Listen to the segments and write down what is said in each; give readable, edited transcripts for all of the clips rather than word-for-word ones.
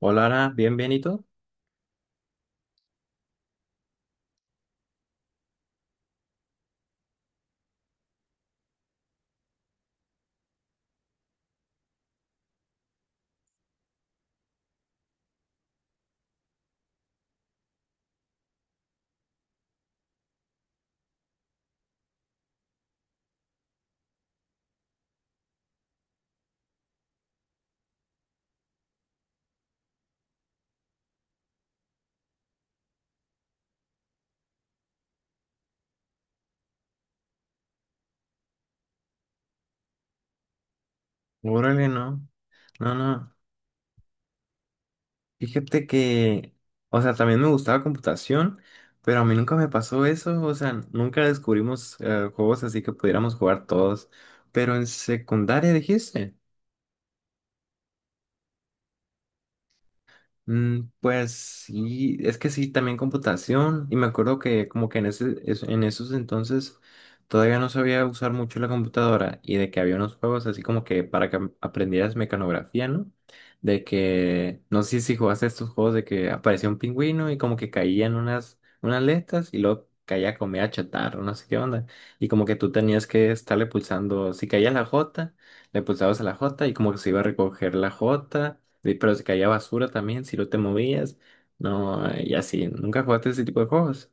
Hola, Ara, bien, bien, ¿y tú? Órale, no. No, no. Fíjate que, o sea, también me gustaba computación, pero a mí nunca me pasó eso, o sea, nunca descubrimos juegos así que pudiéramos jugar todos. Pero en secundaria dijiste. Mm, pues sí, es que sí, también computación. Y me acuerdo que como que en esos entonces todavía no sabía usar mucho la computadora y de que había unos juegos así como que para que aprendieras mecanografía, ¿no? De que, no sé si jugaste estos juegos de que aparecía un pingüino y como que caían unas letras y luego caía comida chatarra, no sé qué onda. Y como que tú tenías que estarle pulsando, si caía la J, le pulsabas a la J y como que se iba a recoger la J. Sí, pero se caía basura también si no te movías. No, y así. Nunca jugaste ese tipo de juegos.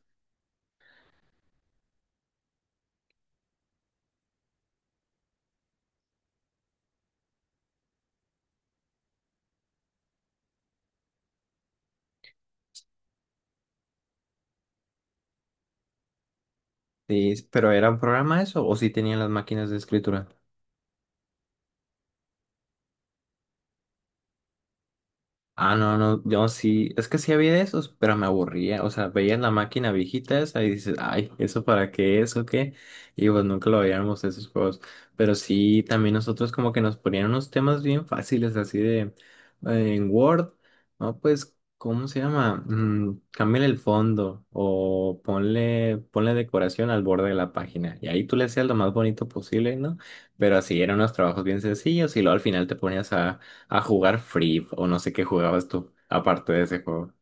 Sí, pero ¿era un programa eso? ¿O sí tenían las máquinas de escritura? Ah, no, no, yo sí, es que sí había de esos, pero me aburría, o sea, veías la máquina viejita esa y dices, ay, ¿eso para qué es o qué? Y pues nunca lo veíamos esos juegos, pero sí, también nosotros como que nos ponían unos temas bien fáciles, así de, en Word, no, pues, ¿cómo se llama? Mm, cámbiale el fondo o ponle decoración al borde de la página y ahí tú le hacías lo más bonito posible, ¿no? Pero así eran unos trabajos bien sencillos y luego al final te ponías a jugar Free o no sé qué jugabas tú, aparte de ese juego.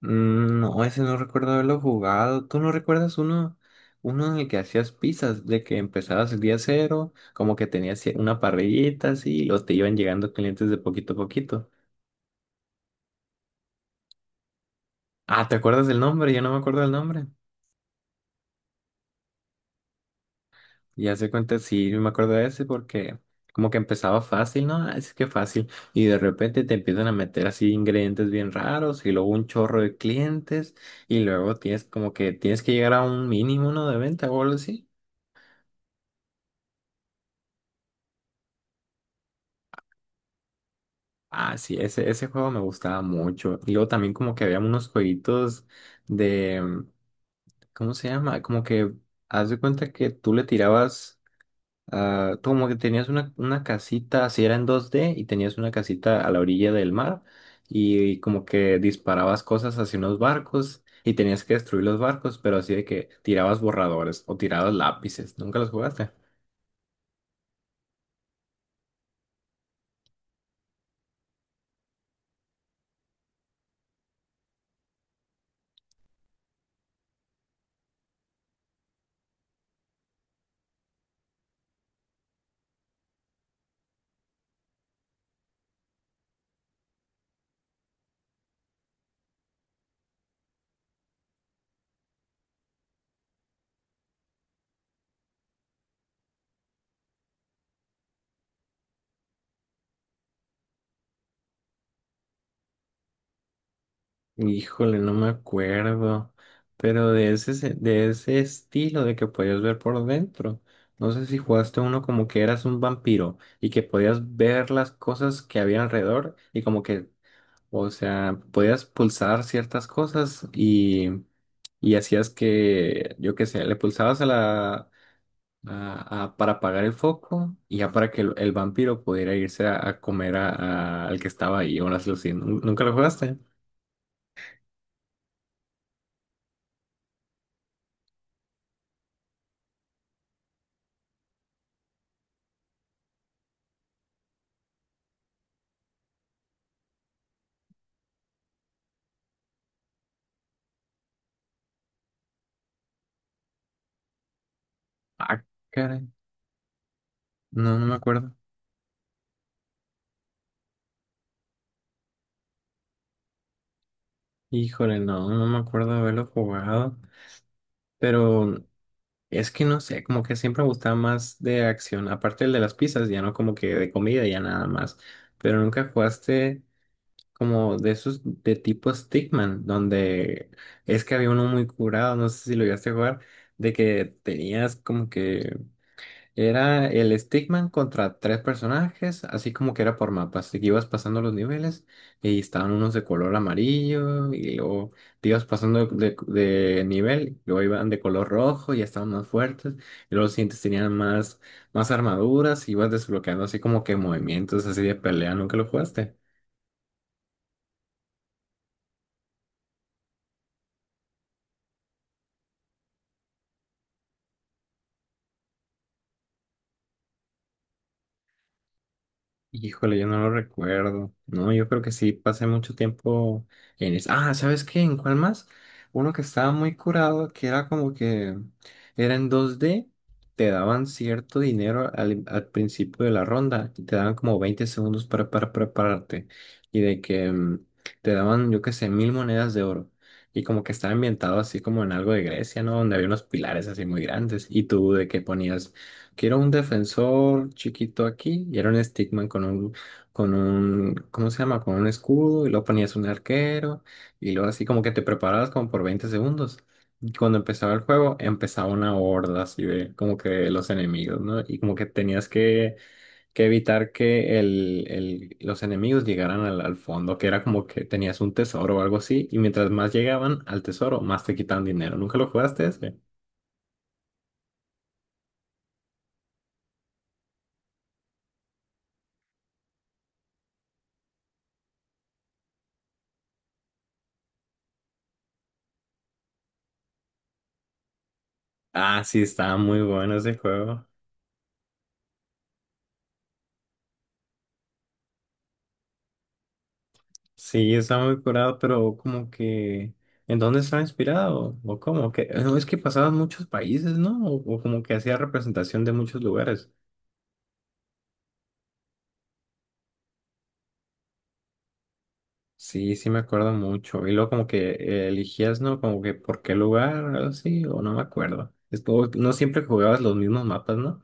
Mm, no, ese no recuerdo haberlo jugado. ¿Tú no recuerdas uno en el que hacías pizzas, de que empezabas el día cero, como que tenías una parrillita así, y te iban llegando clientes de poquito a poquito? Ah, ¿te acuerdas del nombre? Yo no me acuerdo del nombre. Ya se cuenta, sí, yo me acuerdo de ese porque como que empezaba fácil, ¿no? Ah, es que fácil. Y de repente te empiezan a meter así ingredientes bien raros y luego un chorro de clientes y luego tienes como que tienes que llegar a un mínimo, ¿no? De venta o algo así. Ah, sí, ese juego me gustaba mucho. Y luego también como que había unos jueguitos de, ¿cómo se llama? Como que haz de cuenta que tú le tirabas. Ah, como que tenías una casita, así era en 2D, y tenías una casita a la orilla del mar, y, como que disparabas cosas hacia unos barcos, y tenías que destruir los barcos, pero así de que tirabas borradores o tirabas lápices. ¿Nunca los jugaste? Híjole, no me acuerdo. Pero de ese estilo de que podías ver por dentro. No sé si jugaste uno como que eras un vampiro y que podías ver las cosas que había alrededor y como que, o sea, podías pulsar ciertas cosas y hacías que, yo qué sé, le pulsabas a la para apagar el foco y ya para que el vampiro pudiera irse a comer al que estaba ahí o las luces. ¿Nun- ¿Nunca lo jugaste? Ah, caray. No, no me acuerdo. Híjole, no, no me acuerdo de haberlo jugado. Pero es que no sé, como que siempre me gustaba más de acción. Aparte el de las pizzas, ya no como que de comida, ya nada más. Pero nunca jugaste, como de esos de tipo Stickman, donde es que había uno muy curado, no sé si lo llegaste a jugar, de que tenías como que era el Stickman contra tres personajes, así como que era por mapas, y que ibas pasando los niveles y estaban unos de color amarillo y luego te ibas pasando de nivel, luego iban de color rojo y ya estaban más fuertes, y luego los siguientes tenían más armaduras y ibas desbloqueando así como que movimientos así de pelea, ¿nunca lo jugaste? Híjole, yo no lo recuerdo. No, yo creo que sí pasé mucho tiempo en eso. Ah, ¿sabes qué? ¿En cuál más? Uno que estaba muy curado, que era como que era en 2D te daban cierto dinero al, al principio de la ronda y te daban como 20 segundos para prepararte. Y de que te daban, yo qué sé, 1000 monedas de oro. Y como que estaba ambientado así como en algo de Grecia, ¿no? Donde había unos pilares así muy grandes. Y tú de que ponías, quiero un defensor chiquito aquí y era un stickman con un, ¿cómo se llama? Con un escudo y luego ponías un arquero y luego así como que te preparabas como por 20 segundos. Y cuando empezaba el juego empezaba una horda así de como que de los enemigos, ¿no? Y como que tenías que evitar que el, los enemigos llegaran al fondo, que era como que tenías un tesoro o algo así y mientras más llegaban al tesoro, más te quitaban dinero. ¿Nunca lo jugaste ese? Ah, sí, estaba muy bueno ese juego. Sí, está muy curado, pero como que ¿en dónde está inspirado? ¿O cómo? Que no es que pasaban muchos países, ¿no? O como que hacía representación de muchos lugares. Sí, sí me acuerdo mucho. Y luego como que elegías, ¿no? Como que por qué lugar, algo así, o no me acuerdo. Es como, no siempre jugabas los mismos mapas, ¿no?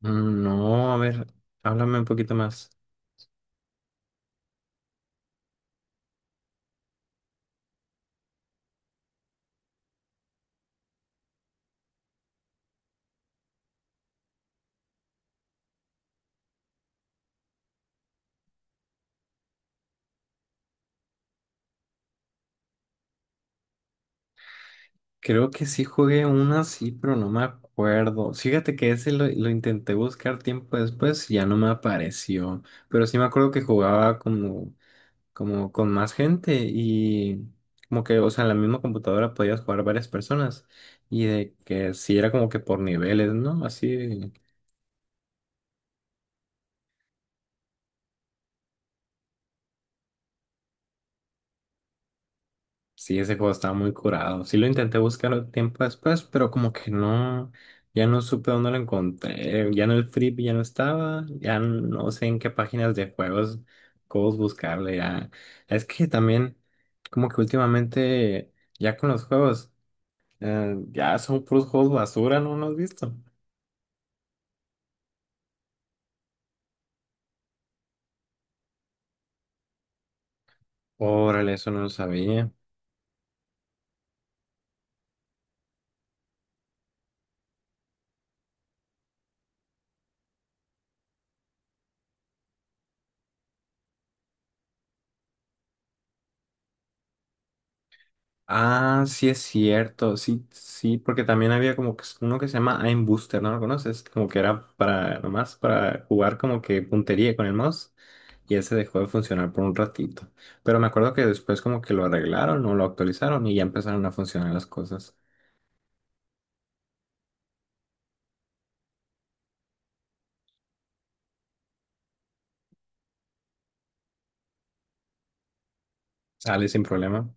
Mm, no, a ver, háblame un poquito más. Creo que sí jugué una, sí, pero no me acuerdo. Fíjate que ese lo intenté buscar tiempo después y ya no me apareció. Pero sí me acuerdo que jugaba como con más gente y como que, o sea, en la misma computadora podías jugar varias personas y de que sí era como que por niveles, ¿no? Así. Sí, ese juego estaba muy curado. Sí lo intenté buscar un tiempo después, pero como que no, ya no supe dónde lo encontré. Ya en el Flip ya no estaba, ya no sé en qué páginas de juegos, juegos buscarle. Ya. Es que también, como que últimamente, ya con los juegos, ya son puros juegos basura, ¿no? ¿No has visto? Órale, eso no lo sabía. Ah, sí es cierto, sí, sí, porque también había como que uno que se llama Aim Booster, ¿no lo conoces? Como que era para, nomás para jugar como que puntería con el mouse y ese dejó de funcionar por un ratito. Pero me acuerdo que después como que lo arreglaron o lo actualizaron y ya empezaron a funcionar las cosas. Sale sin problema.